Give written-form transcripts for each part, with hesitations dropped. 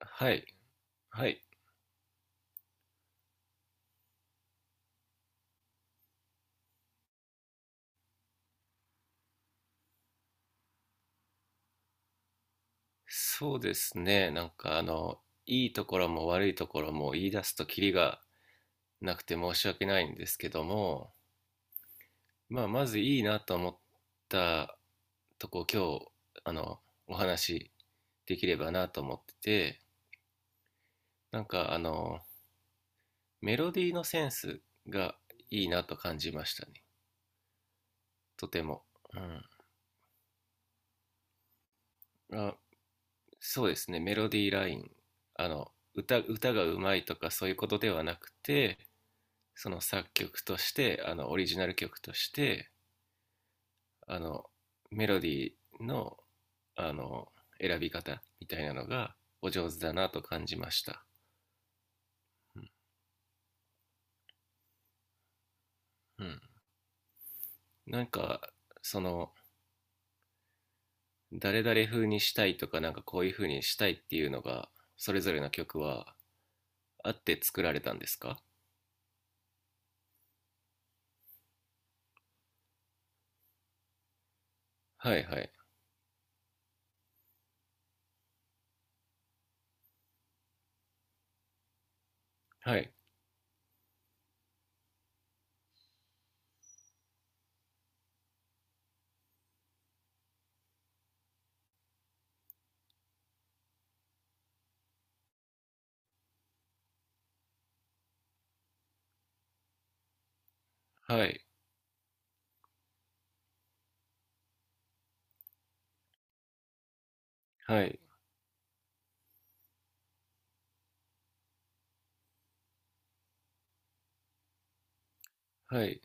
はい、はい。そうですね。いいところも悪いところも言い出すとキリがなくて申し訳ないんですけども、まあ、まずいいなと思ったとこ、今日、あの、お話できればなと思ってて、なんかあの、メロディーのセンスがいいなと感じましたね。とても。うん。あ、そうですね。メロディーライン。歌がうまいとかそういうことではなくて、その作曲としてオリジナル曲としてあのメロディーのあの選び方みたいなのがお上手だなと感じました。うん、うん。なんかその誰々風にしたいとかなんかこういう風にしたいっていうのがそれぞれの曲はあって作られたんですか？はい、はい、はい、はい、はい、はい、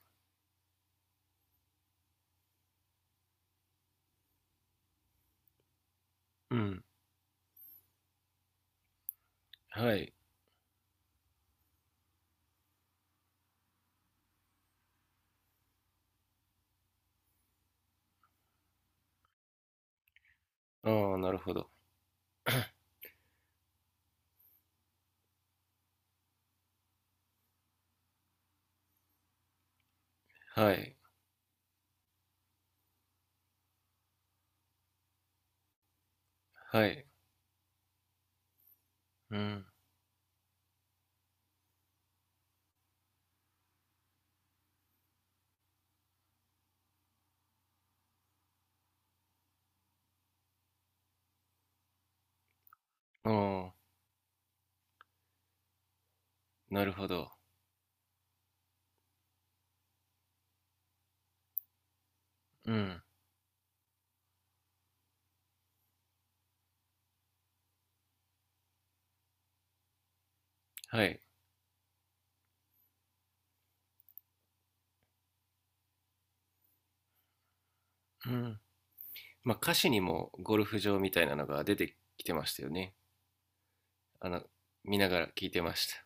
うん、はい、ああ、なるほど、はい、はい、うん、ああ、なるほど、うん、はい。うん。まあ、歌詞にもゴルフ場みたいなのが出てきてましたよね。あの、見ながら聞いてました。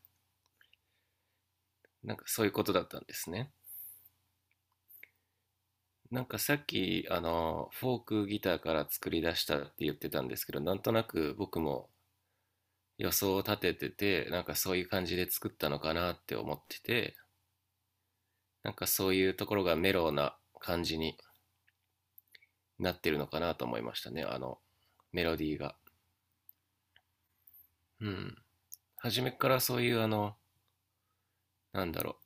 なんかそういうことだったんですね。なんかさっき、フォークギターから作り出したって言ってたんですけど、なんとなく僕も予想を立ててて、なんかそういう感じで作ったのかなって思ってて、なんかそういうところがメロウな感じになってるのかなと思いましたね、メロディーが。うん。初めからそういうなんだろ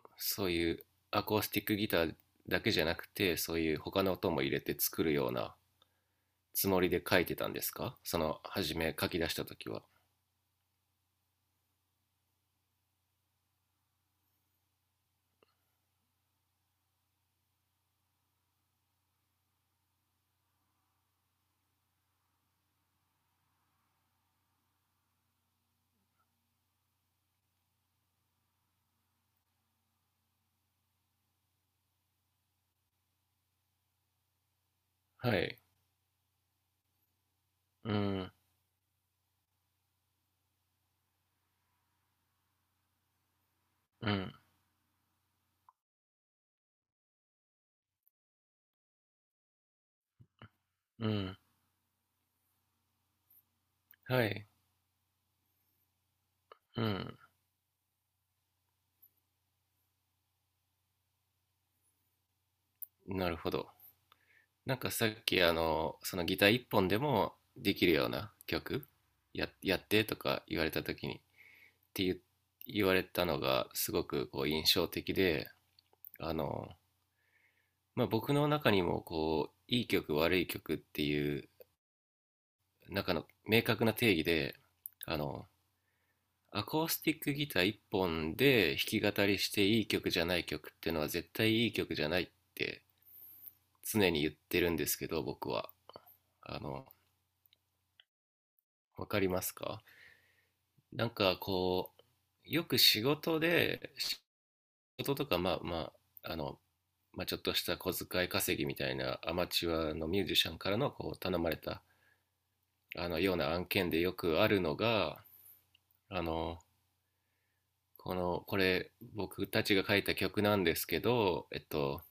う、そういうアコースティックギターだけじゃなくてそういう他の音も入れて作るようなつもりで書いてたんですか？その初め書き出した時は。はい、うん、うん、うん、はい、うん、なるほど。なんかさっきそのギター一本でもできるような曲やってとか言われた時にって言われたのがすごくこう印象的で、あの、まあ、僕の中にもこういい曲悪い曲っていう中の明確な定義で、あの、アコースティックギター1本で弾き語りしていい曲じゃない曲っていうのは絶対いい曲じゃないって常に言ってるんですけど、僕は。あの、わかりますか？なんかこう、よく仕事とか、まあまあ、まあ、ちょっとした小遣い稼ぎみたいなアマチュアのミュージシャンからのこう頼まれたあのような案件でよくあるのが、あのこれ僕たちが書いた曲なんですけど、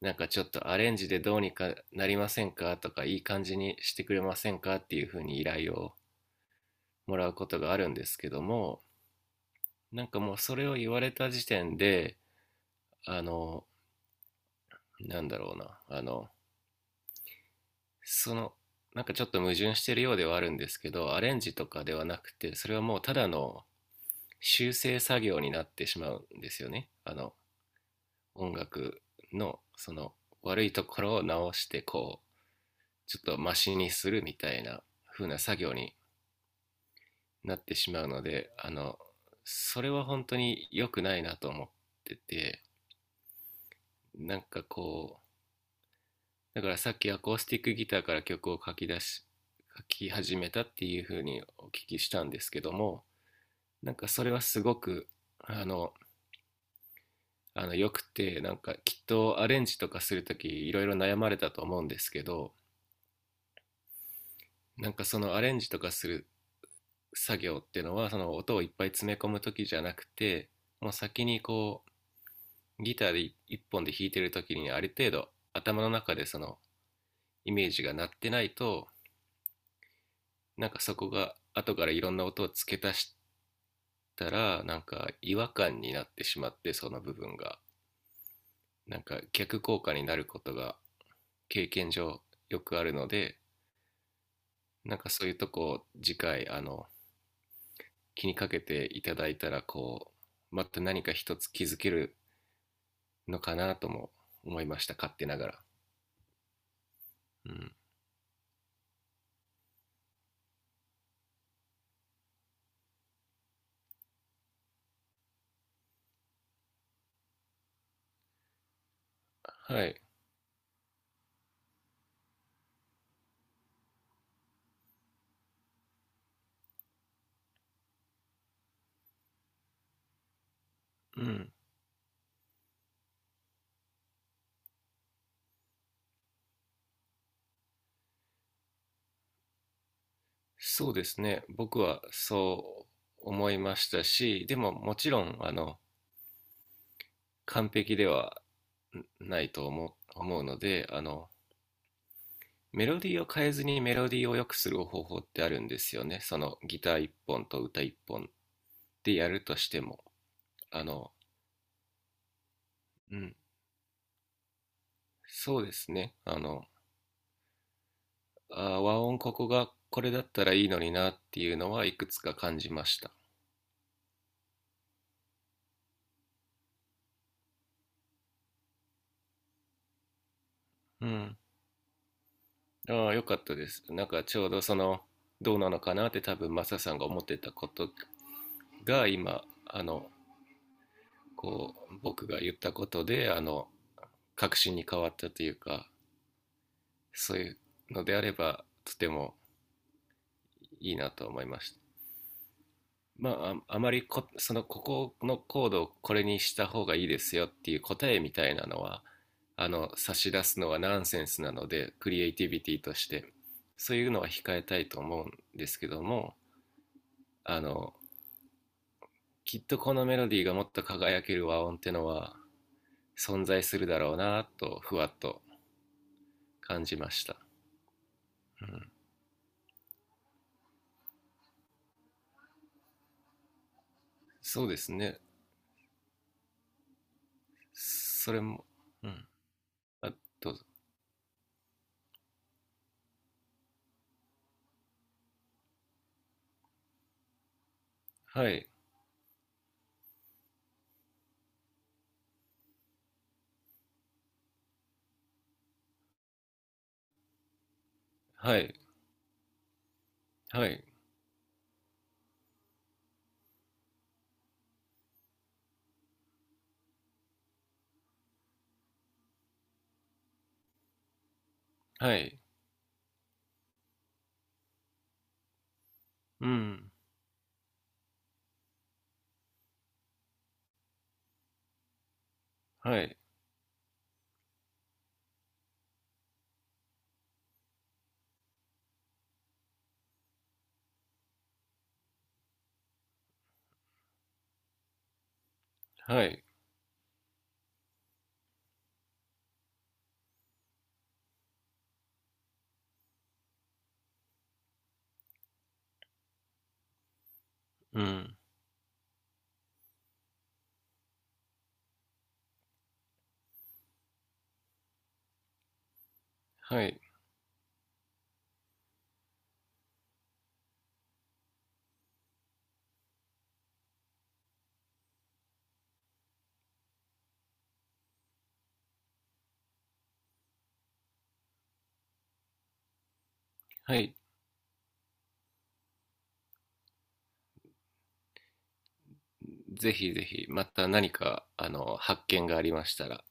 なんかちょっとアレンジでどうにかなりませんかとか、いい感じにしてくれませんかっていうふうに依頼をもらうことがあるんですけども、なんかもうそれを言われた時点で、あの、なんだろうな、その、なんかちょっと矛盾してるようではあるんですけど、アレンジとかではなくて、それはもうただの修正作業になってしまうんですよね。音楽のその悪いところを直してこうちょっとマシにするみたいな風な作業になってしまうので、それは本当に良くないなと思ってて、なんかこうだから、さっきアコースティックギターから曲を書き始めたっていう風にお聞きしたんですけども、なんかそれはすごくあのよくて、なんかきっとアレンジとかするときいろいろ悩まれたと思うんですけど、なんかそのアレンジとかする作業っていうのはその音をいっぱい詰め込む時じゃなくて、もう先にこうギターで一本で弾いてる時にある程度頭の中でそのイメージが鳴ってないと、なんかそこが後からいろんな音を付け足したらなんか違和感になってしまって、その部分がなんか逆効果になることが経験上よくあるので、なんかそういうとこを次回気にかけていただいたら、こうまた何か一つ気づけるのかなとも思いました、勝手ながら。うん、はい、うん、そうですね、僕はそう思いましたし、でももちろん完璧ではないと思うので、メロディーを変えずにメロディーを良くする方法ってあるんですよね、そのギター1本と歌1本でやるとしても。あのうん、そうですね。和音、ここがこれだったらいいのになっていうのはいくつか感じました。うん。ああ、よかったです。なんかちょうどその、どうなのかなって多分マサさんが思ってたことが今、こう、僕が言ったことで、確信に変わったというか、そういうのであれば、とてもいいなと思いました。まあ、ああまりこ、その、ここのコードをこれにした方がいいですよっていう答えみたいなのは、差し出すのはナンセンスなので、クリエイティビティとして、そういうのは控えたいと思うんですけども、あの、きっとこのメロディーがもっと輝ける和音ってのは存在するだろうなと、ふわっと感じました。うん。そうですね。それも、うん。あ、どうぞ。はい、はい、はい、はい、うん、はい、はい。うん。はい。はい。ぜひぜひ、また何か、発見がありましたら、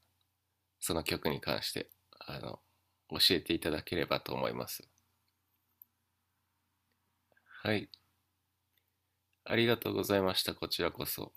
その曲に関して、あの、教えていただければと思います。はい。ありがとうございました。こちらこそ。